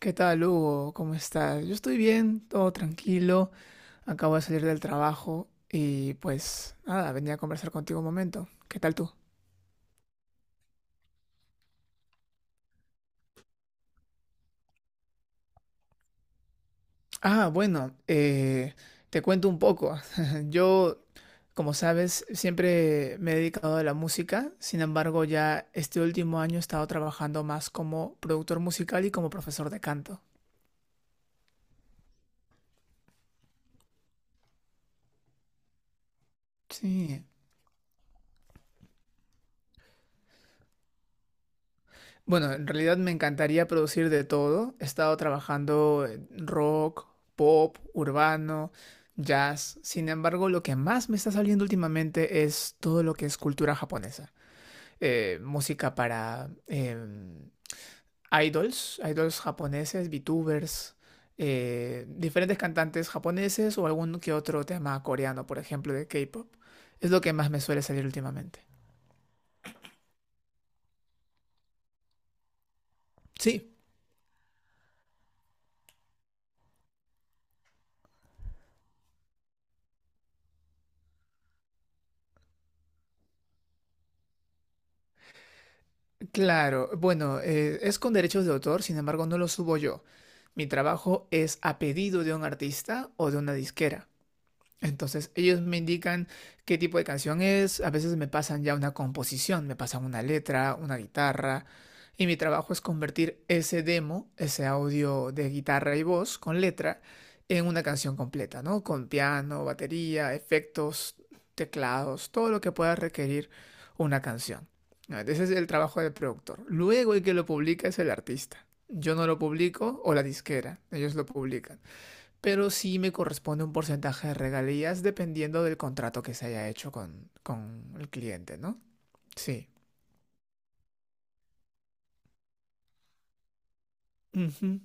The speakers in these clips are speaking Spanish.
¿Qué tal, Hugo? ¿Cómo estás? Yo estoy bien, todo tranquilo. Acabo de salir del trabajo y pues nada, venía a conversar contigo un momento. ¿Qué tal tú? Ah, bueno, te cuento un poco. Yo, como sabes, siempre me he dedicado a la música. Sin embargo, ya este último año he estado trabajando más como productor musical y como profesor de canto. Sí. Bueno, en realidad me encantaría producir de todo. He estado trabajando en rock, pop, urbano, jazz. Sin embargo, lo que más me está saliendo últimamente es todo lo que es cultura japonesa. Música para idols, idols japoneses, VTubers, diferentes cantantes japoneses o algún que otro tema coreano, por ejemplo, de K-pop. Es lo que más me suele salir últimamente. Sí. Claro, bueno, es con derechos de autor, sin embargo, no lo subo yo. Mi trabajo es a pedido de un artista o de una disquera. Entonces ellos me indican qué tipo de canción es, a veces me pasan ya una composición, me pasan una letra, una guitarra, y mi trabajo es convertir ese demo, ese audio de guitarra y voz con letra, en una canción completa, ¿no? Con piano, batería, efectos, teclados, todo lo que pueda requerir una canción. Ese es el trabajo del productor. Luego el que lo publica es el artista. Yo no lo publico o la disquera, ellos lo publican pero sí me corresponde un porcentaje de regalías dependiendo del contrato que se haya hecho con el cliente, ¿no? Sí. Ujú.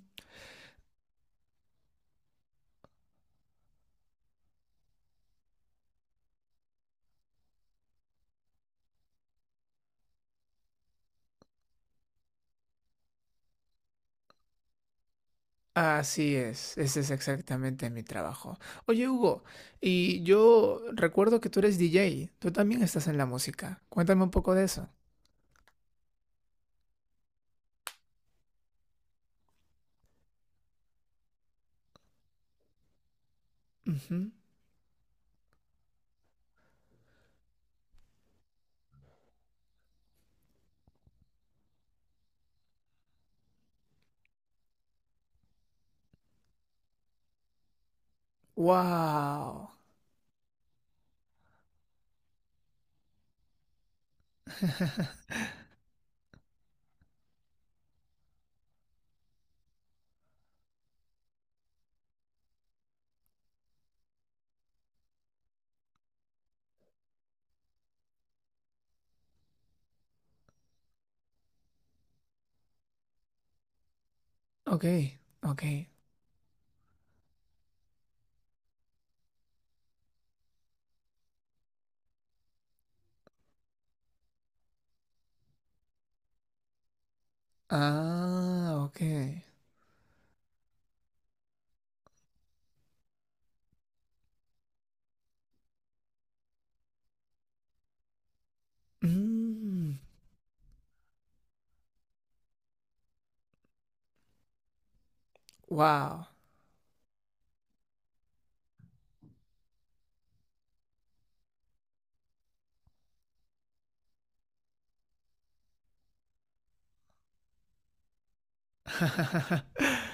Así es, ese es exactamente mi trabajo. Oye, Hugo, y yo recuerdo que tú eres DJ, tú también estás en la música. Cuéntame un poco de eso. Ujú. Wow. Ok, ok. Ah, ok. Mm, wow.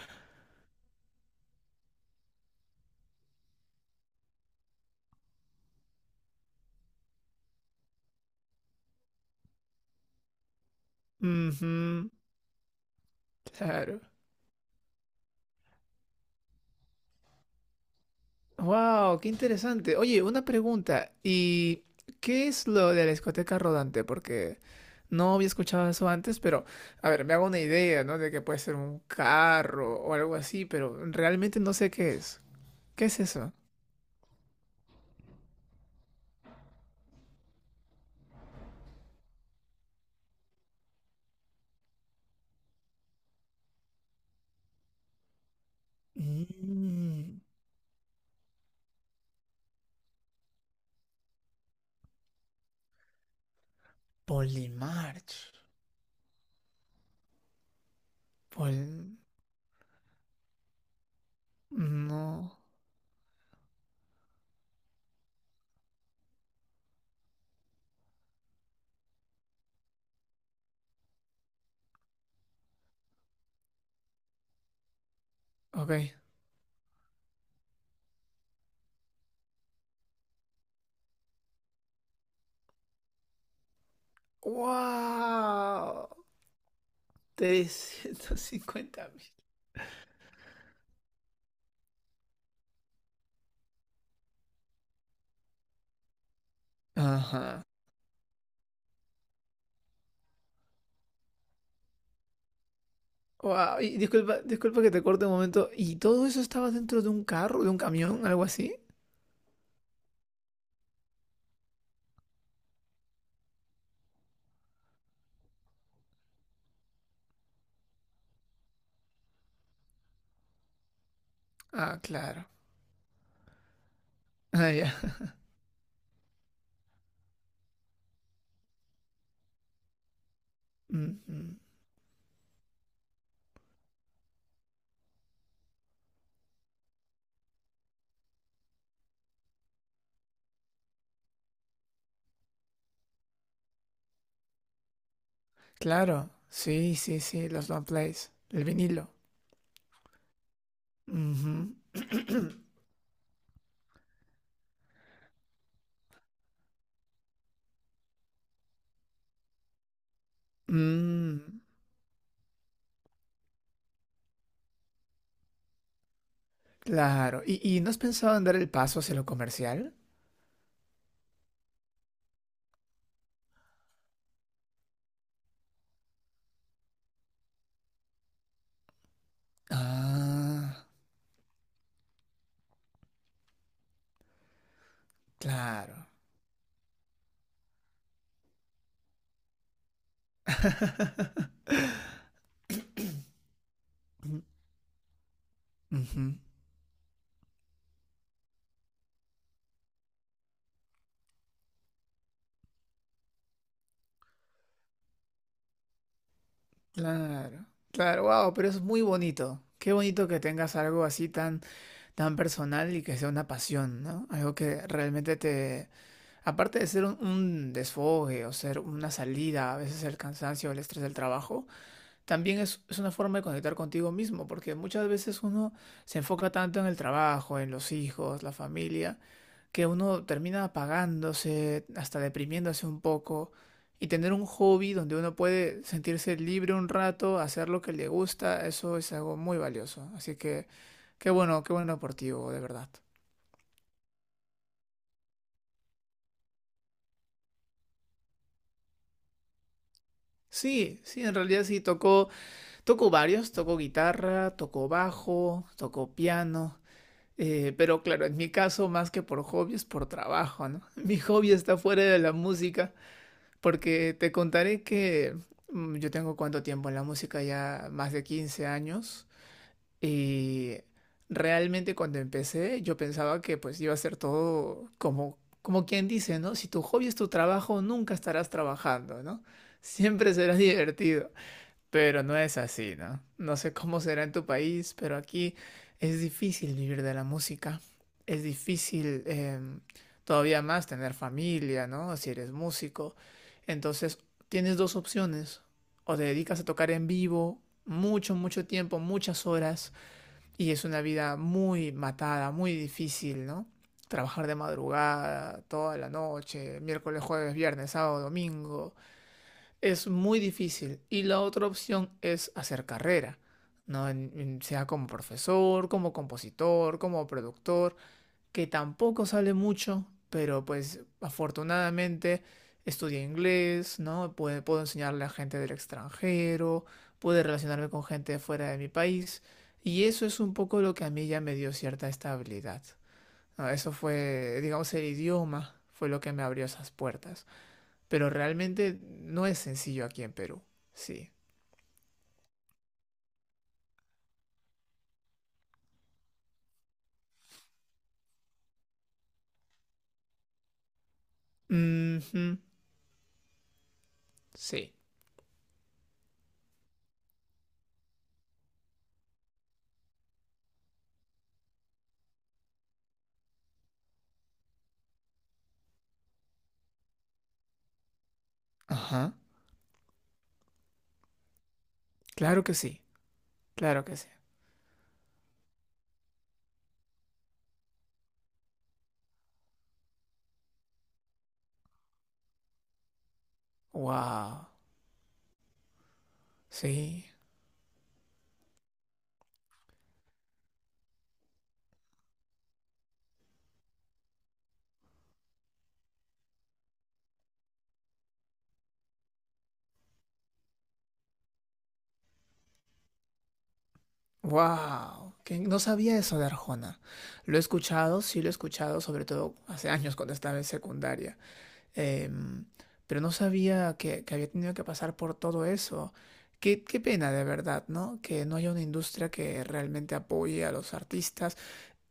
Ujú, claro. Wow, qué interesante. Oye, una pregunta. ¿Y qué es lo de la discoteca rodante? Porque no había escuchado eso antes, pero a ver, me hago una idea, ¿no? De que puede ser un carro o algo así, pero realmente no sé qué es. ¿Qué es eso? Mm, Polymarch. Pol... No. Ok. ¡Wow! 350.000. Guau, y disculpa, disculpa que te corte un momento. ¿Y todo eso estaba dentro de un carro, de un camión, algo así? Ah, claro. Ah, ya. Mm, mm. Claro. Sí, sí, sí, los long plays. El vinilo. Ujú. Mm, claro. ¿Y no has pensado en dar el paso hacia lo comercial? Ah, claro. Mm, ujú. Claro. Claro, wow, pero es muy bonito. Qué bonito que tengas algo así tan tan personal y que sea una pasión, ¿no? Algo que realmente te, aparte de ser un desfogue o ser una salida, a veces el cansancio, el estrés del trabajo, también es una forma de conectar contigo mismo, porque muchas veces uno se enfoca tanto en el trabajo, en los hijos, la familia, que uno termina apagándose, hasta deprimiéndose un poco, y tener un hobby donde uno puede sentirse libre un rato, hacer lo que le gusta, eso es algo muy valioso. Así que qué bueno por ti, Hugo, de verdad. Sí, sí, en realidad sí, tocó, varios, tocó guitarra, tocó bajo, tocó piano, pero claro, en mi caso más que por hobby es por trabajo, ¿no? Mi hobby está fuera de la música. Porque te contaré que yo tengo cuánto tiempo en la música, ya más de 15 años, y realmente cuando empecé yo pensaba que pues iba a ser todo como, como quien dice, ¿no? Si tu hobby es tu trabajo, nunca estarás trabajando, ¿no? Siempre será divertido. Pero no es así, ¿no? No sé cómo será en tu país, pero aquí es difícil vivir de la música. Es difícil todavía más tener familia, ¿no? Si eres músico. Entonces, tienes dos opciones. O te dedicas a tocar en vivo mucho, mucho tiempo, muchas horas, y es una vida muy matada, muy difícil, ¿no? Trabajar de madrugada, toda la noche, miércoles, jueves, viernes, sábado, domingo es muy difícil. Y la otra opción es hacer carrera, ¿no? Sea como profesor, como compositor, como productor, que tampoco sale mucho, pero pues afortunadamente estudié inglés, ¿no? Puedo, puedo enseñarle a gente del extranjero, puedo relacionarme con gente de fuera de mi país. Y eso es un poco lo que a mí ya me dio cierta estabilidad. ¿No? Eso fue, digamos, el idioma fue lo que me abrió esas puertas. Pero realmente no es sencillo aquí en Perú. Sí. Ujú, sí. Ajá. Claro que sí. Claro que sí. Wow. Sí. Wow. Que no sabía eso de Arjona. Lo he escuchado, sí lo he escuchado, sobre todo hace años cuando estaba en secundaria. Em, pero no sabía que había tenido que pasar por todo eso. Qué, qué pena de verdad, ¿no? Que no haya una industria que realmente apoye a los artistas.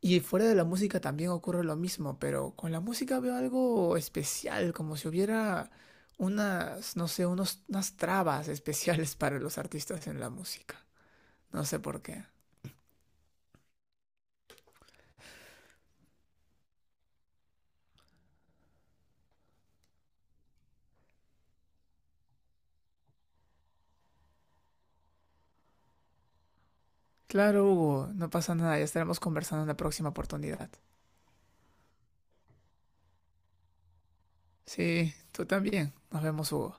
Y fuera de la música también ocurre lo mismo, pero con la música veo algo especial, como si hubiera unas, no sé, unos, unas trabas especiales para los artistas en la música. No sé por qué. Claro, Hugo, no pasa nada, ya estaremos conversando en la próxima oportunidad. Sí, tú también. Nos vemos, Hugo.